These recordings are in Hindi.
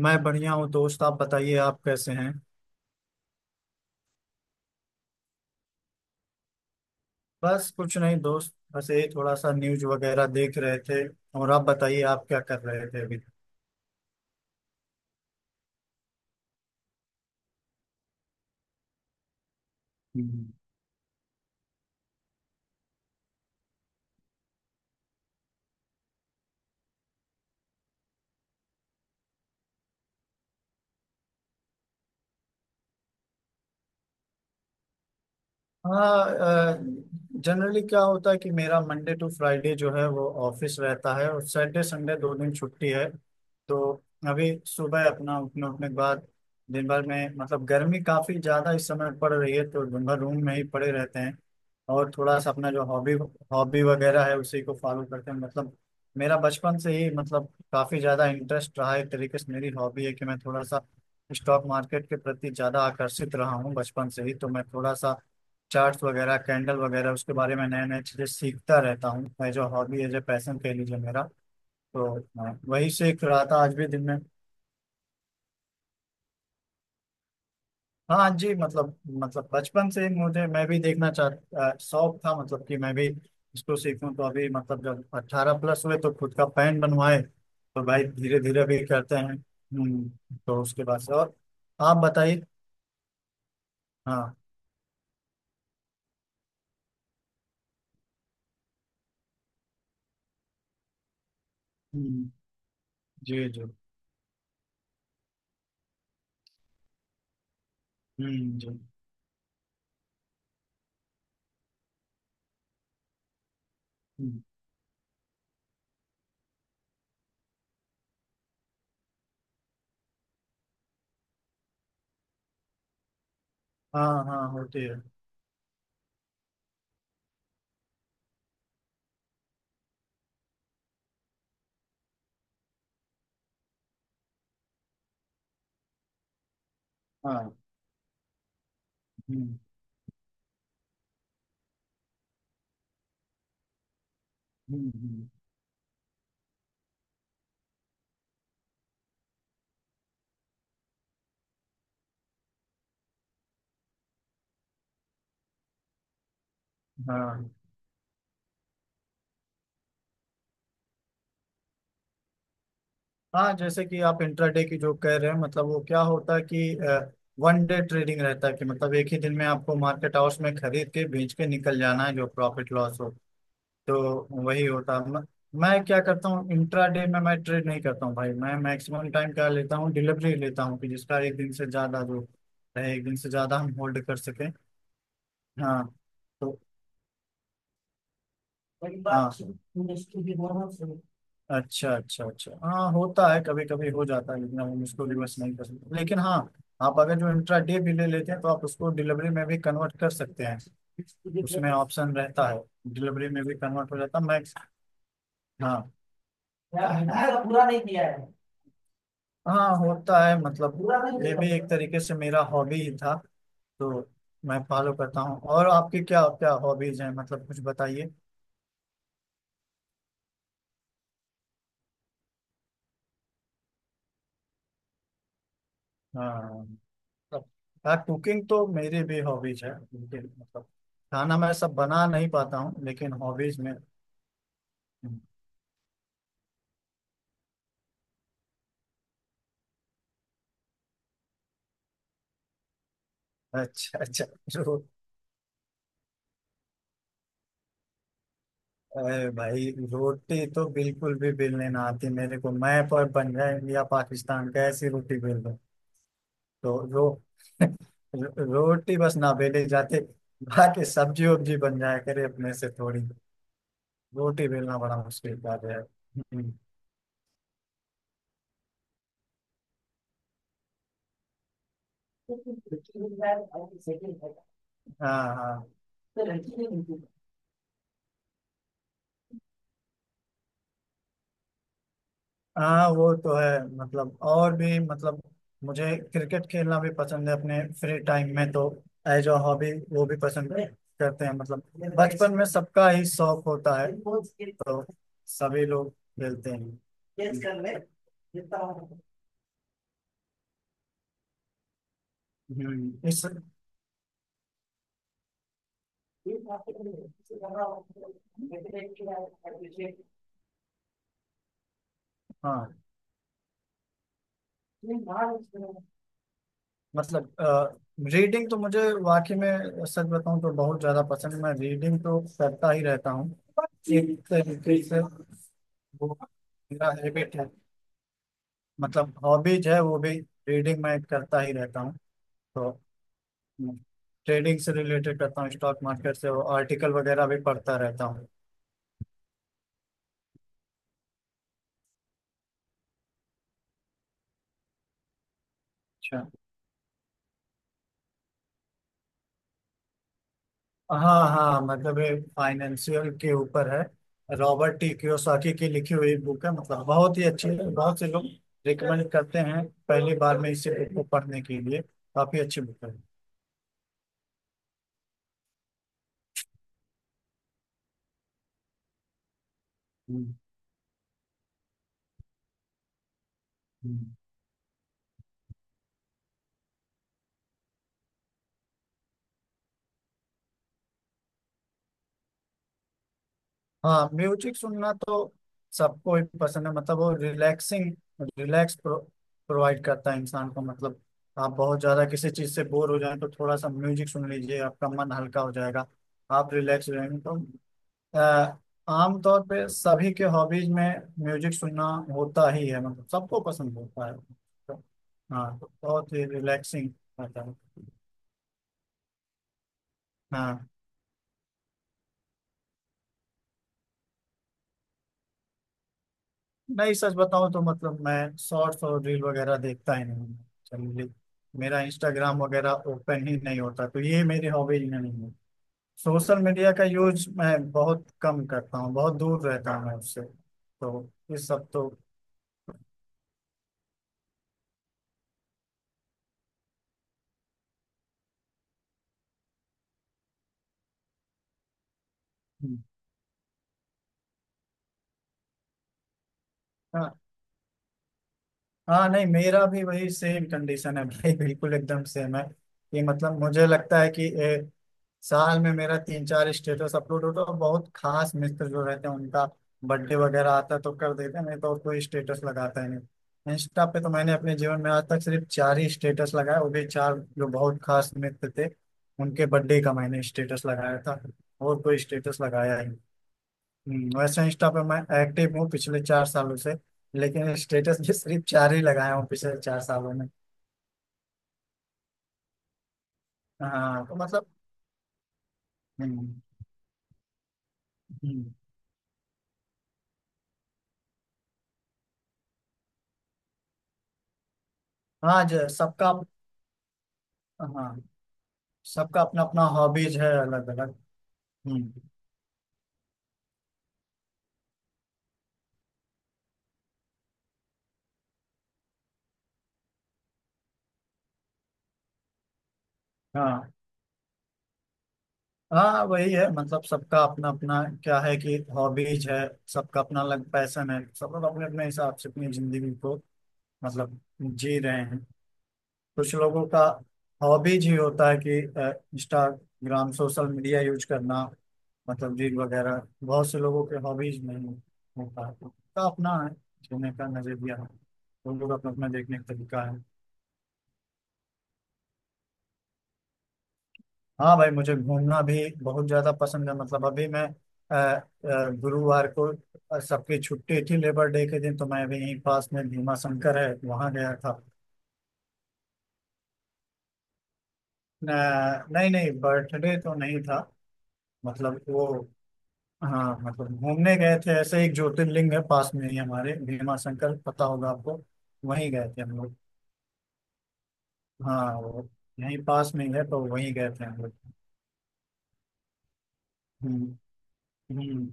मैं बढ़िया हूँ दोस्त। आप बताइए, आप कैसे हैं? बस कुछ नहीं दोस्त, बस यही थोड़ा सा न्यूज वगैरह देख रहे थे। और आप बताइए, आप क्या कर रहे थे? अभी। हाँ। जनरली क्या होता है कि मेरा मंडे टू फ्राइडे जो है वो ऑफिस रहता है और सैटरडे संडे 2 दिन छुट्टी है। तो अभी सुबह अपना उठने उठने के बाद दिन भर में मतलब गर्मी काफी ज्यादा इस समय पड़ रही है, तो दिन भर रूम में ही पड़े रहते हैं। और थोड़ा सा अपना जो हॉबी हॉबी वगैरह है उसी को फॉलो करते हैं मतलब, मेरा बचपन से ही मतलब काफी ज्यादा इंटरेस्ट रहा है। एक तरीके से मेरी हॉबी है कि मैं थोड़ा सा स्टॉक मार्केट के प्रति ज्यादा आकर्षित रहा हूँ बचपन से ही। तो मैं थोड़ा सा चार्ट्स वगैरह कैंडल वगैरह उसके बारे में नए नए चीज़ें सीखता रहता हूँ। मैं जो हॉबी है जो पैसन कह लीजिए मेरा, तो हाँ, वही सीख रहा था आज भी दिन में। हाँ जी। मतलब बचपन से ही मुझे मैं भी देखना चाह शौक था, मतलब कि मैं भी इसको सीखूं। तो अभी मतलब जब 18+ हुए तो खुद का पैन बनवाए, तो भाई धीरे धीरे भी करते हैं। हम्म। तो उसके बाद से। और आप बताइए। हाँ। हम्म। जी जी। जी। हम्म। हाँ हाँ होती है। हाँ। हम्म। हम्म। हम्म। हाँ। हाँ जैसे कि आप इंट्राडे की जो कह रहे हैं मतलब वो क्या होता है कि वन डे ट्रेडिंग रहता है, कि मतलब एक ही दिन में आपको मार्केट हाउस में खरीद के बेच के निकल जाना है, जो प्रॉफिट लॉस हो। तो वही होता है। मैं क्या करता हूँ, इंट्राडे में मैं ट्रेड नहीं करता हूँ भाई। मैं मैक्सिमम टाइम क्या लेता हूँ, डिलीवरी लेता हूँ कि जिसका एक दिन से ज्यादा जो रहे एक दिन से ज्यादा हम होल्ड कर सकें। हाँ। तो बड़ी हाँ बात मुश्किल भी होना चाहिए। अच्छा अच्छा अच्छा। हाँ होता है कभी कभी, हो जाता है, लेकिन हम उसको रिवर्स नहीं कर सकते, लेकिन हाँ, आप अगर जो इंट्रा डे भी ले लेते हैं तो आप उसको डिलीवरी में भी कन्वर्ट कर सकते हैं। उसमें ऑप्शन रहता है। डिलीवरी में भी कन्वर्ट हो जाता है मैक्स। हाँ। यार, पूरा नहीं किया है। हाँ होता है मतलब। पूरा नहीं ये किया भी एक तरीके से मेरा हॉबी ही था। तो मैं फॉलो करता हूँ। और आपकी क्या क्या हॉबीज हैं? मतलब कुछ बताइए। हाँ मतलब, हाँ कुकिंग तो मेरी भी हॉबीज है, लेकिन मतलब खाना मैं सब बना नहीं पाता हूँ, लेकिन हॉबीज में। अच्छा अच्छा। रो, अरे भाई रोटी तो बिल्कुल भी बेलने ना आती मेरे को, मैं पर बन जाए इंडिया पाकिस्तान का ऐसी रोटी बेल दो। तो रो रोटी बस ना बेले जाते। बाकी सब्जी वब्जी बन जाया करे अपने से, थोड़ी रोटी बेलना बड़ा मुश्किल कार्य है। हम्म। हाँ। हाँ। हाँ वो तो है, मतलब और भी मतलब मुझे क्रिकेट खेलना भी पसंद है अपने फ्री टाइम में। तो एज अ हॉबी वो भी पसंद करते हैं मतलब। बचपन में सबका ही शौक होता है, तो सभी लोग खेलते हैं। हम्म। इस हाँ। मतलब रीडिंग तो मुझे वाकई में, सच बताऊं तो बहुत ज्यादा पसंद है। मैं रीडिंग तो करता ही रहता हूँ, एक तरीके से वो मेरा हैबिट है, मतलब हॉबीज है वो भी। रीडिंग मैं करता ही रहता हूँ। तो ट्रेडिंग से रिलेटेड करता हूँ, स्टॉक मार्केट से वो आर्टिकल वगैरह भी पढ़ता रहता हूँ। अच्छा। हाँ हाँ, मतलब ये फाइनेंशियल के ऊपर है। रॉबर्ट टी कियोसाकी की लिखी हुई बुक है, मतलब बहुत ही अच्छी है। बहुत से लोग रिकमेंड करते हैं पहली बार में इसे बुक को पढ़ने के लिए। काफी अच्छी बुक है। हम्म। हम्म। हाँ म्यूजिक सुनना तो सबको ही पसंद है। मतलब वो रिलैक्स प्रोवाइड करता है इंसान को। मतलब आप बहुत ज्यादा किसी चीज से बोर हो जाए तो थोड़ा सा म्यूजिक सुन लीजिए, आपका मन हल्का हो जाएगा, आप रिलैक्स हो जाएंगे। तो अ, आमतौर पे सभी के हॉबीज में म्यूजिक सुनना होता ही है, मतलब सबको पसंद होता है। तो, हाँ, तो बहुत ही रिलैक्सिंग रहता है। हाँ नहीं, सच बताऊं तो मतलब मैं शॉर्ट्स और रील वगैरह देखता ही नहीं हूँ। चलिए, मेरा इंस्टाग्राम वगैरह ओपन ही नहीं होता, तो ये मेरी हॉबीज में नहीं है। सोशल मीडिया का यूज मैं बहुत कम करता हूँ, बहुत दूर रहता हूँ मैं उससे। तो ये सब तो। हम्म। हाँ हाँ, नहीं मेरा भी वही सेम कंडीशन है भाई, बिल्कुल एकदम सेम है। कि मतलब मुझे लगता है कि साल में मेरा तीन चार स्टेटस अपलोड होता है, और बहुत खास मित्र जो रहते हैं उनका बर्थडे वगैरह आता है तो कर देते हैं, नहीं तो और कोई स्टेटस लगाता ही नहीं इंस्टा पे। तो मैंने अपने जीवन में आज तक सिर्फ चार ही स्टेटस लगाया, वो भी चार जो बहुत खास मित्र थे उनके बर्थडे का मैंने स्टेटस लगाया था, और कोई स्टेटस लगाया ही नहीं। वैसे इंस्टा पे मैं एक्टिव हूँ पिछले 4 सालों से, लेकिन स्टेटस भी सिर्फ चार ही लगाया हूँ पिछले 4 सालों में। हाँ तो मतलब। हम्म। हम्म। हाँ जो सबका हाँ सबका अपना अपना हॉबीज है अलग अलग। हम्म। हाँ। हाँ वही है, मतलब सबका अपना अपना क्या है कि हॉबीज है। सबका अपना अलग पैशन है, सब लोग अपने अपने हिसाब से अपनी जिंदगी को मतलब जी रहे हैं। कुछ लोगों का हॉबीज ही होता है कि इंस्टाग्राम सोशल मीडिया यूज करना, मतलब रील वगैरह बहुत से लोगों के हॉबीज में होता है, का अपना है जीने का नजरिया है। उन लोग अपना अपना देखने का तरीका है। हाँ भाई मुझे घूमना भी बहुत ज्यादा पसंद है। मतलब अभी मैं गुरुवार को सबकी छुट्टी थी लेबर डे के दिन, तो मैं अभी यहीं पास में भीमा शंकर है, वहां गया था। नहीं नहीं, बर्थडे तो नहीं था। मतलब वो, हाँ मतलब घूमने गए थे। ऐसे एक ज्योतिर्लिंग है पास में ही हमारे, भीमा शंकर, पता होगा आपको। वहीं गए थे हम लोग। हाँ वो यहीं पास में ही है, तो वहीं गए थे हम लोग। हम्म। हम्म।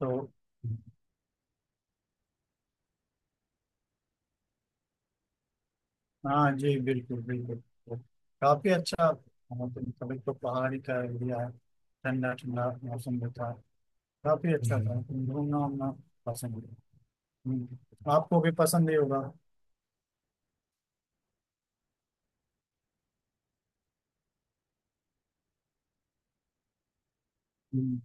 तो हाँ जी बिल्कुल बिल्कुल। तो काफी अच्छा। हाँ, तो मतलब एक तो पहाड़ी का एरिया है, ठंडा ठंडा मौसम भी था, काफी अच्छा था। हम्म। घूमना उमना पसंद है। हम्म। आपको भी पसंद ही होगा। हम्म।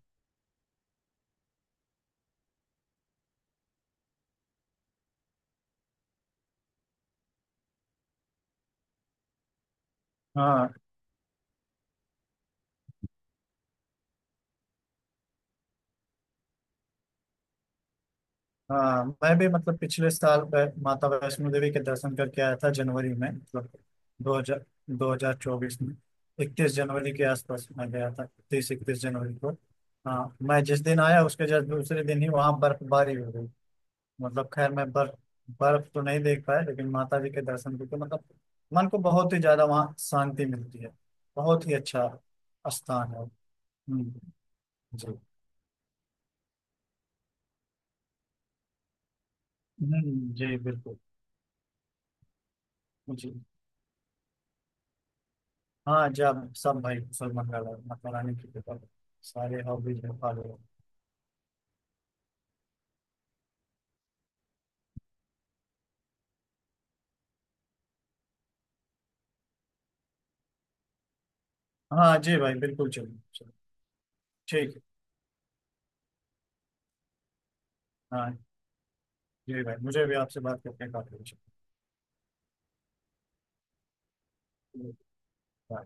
हाँ हाँ मैं भी मतलब पिछले साल माता वैष्णो देवी के दर्शन करके आया था जनवरी में, मतलब दो हजार दो हजार चौबीस में, 31 जनवरी के आसपास मैं गया था, 30, 31 जनवरी को। हाँ मैं जिस दिन आया उसके जस्ट दूसरे दिन ही वहाँ बर्फबारी हो गई। मतलब खैर मैं बर्फ बर्फ तो नहीं देख पाया, लेकिन माता जी के दर्शन करके मतलब मन को बहुत ही ज्यादा वहाँ शांति मिलती है। बहुत ही अच्छा स्थान है। हम्म। जी। हम्म। जी बिल्कुल। जी। हाँ जब सब भाई सलमान का लड़का, मौलाना की किताब, सारे हॉबीज में फॉलो। हाँ जी भाई बिल्कुल, चलिए चलिए। ठीक है। हाँ जी भाई मुझे भी आपसे बात करके काफी अच्छा लगा।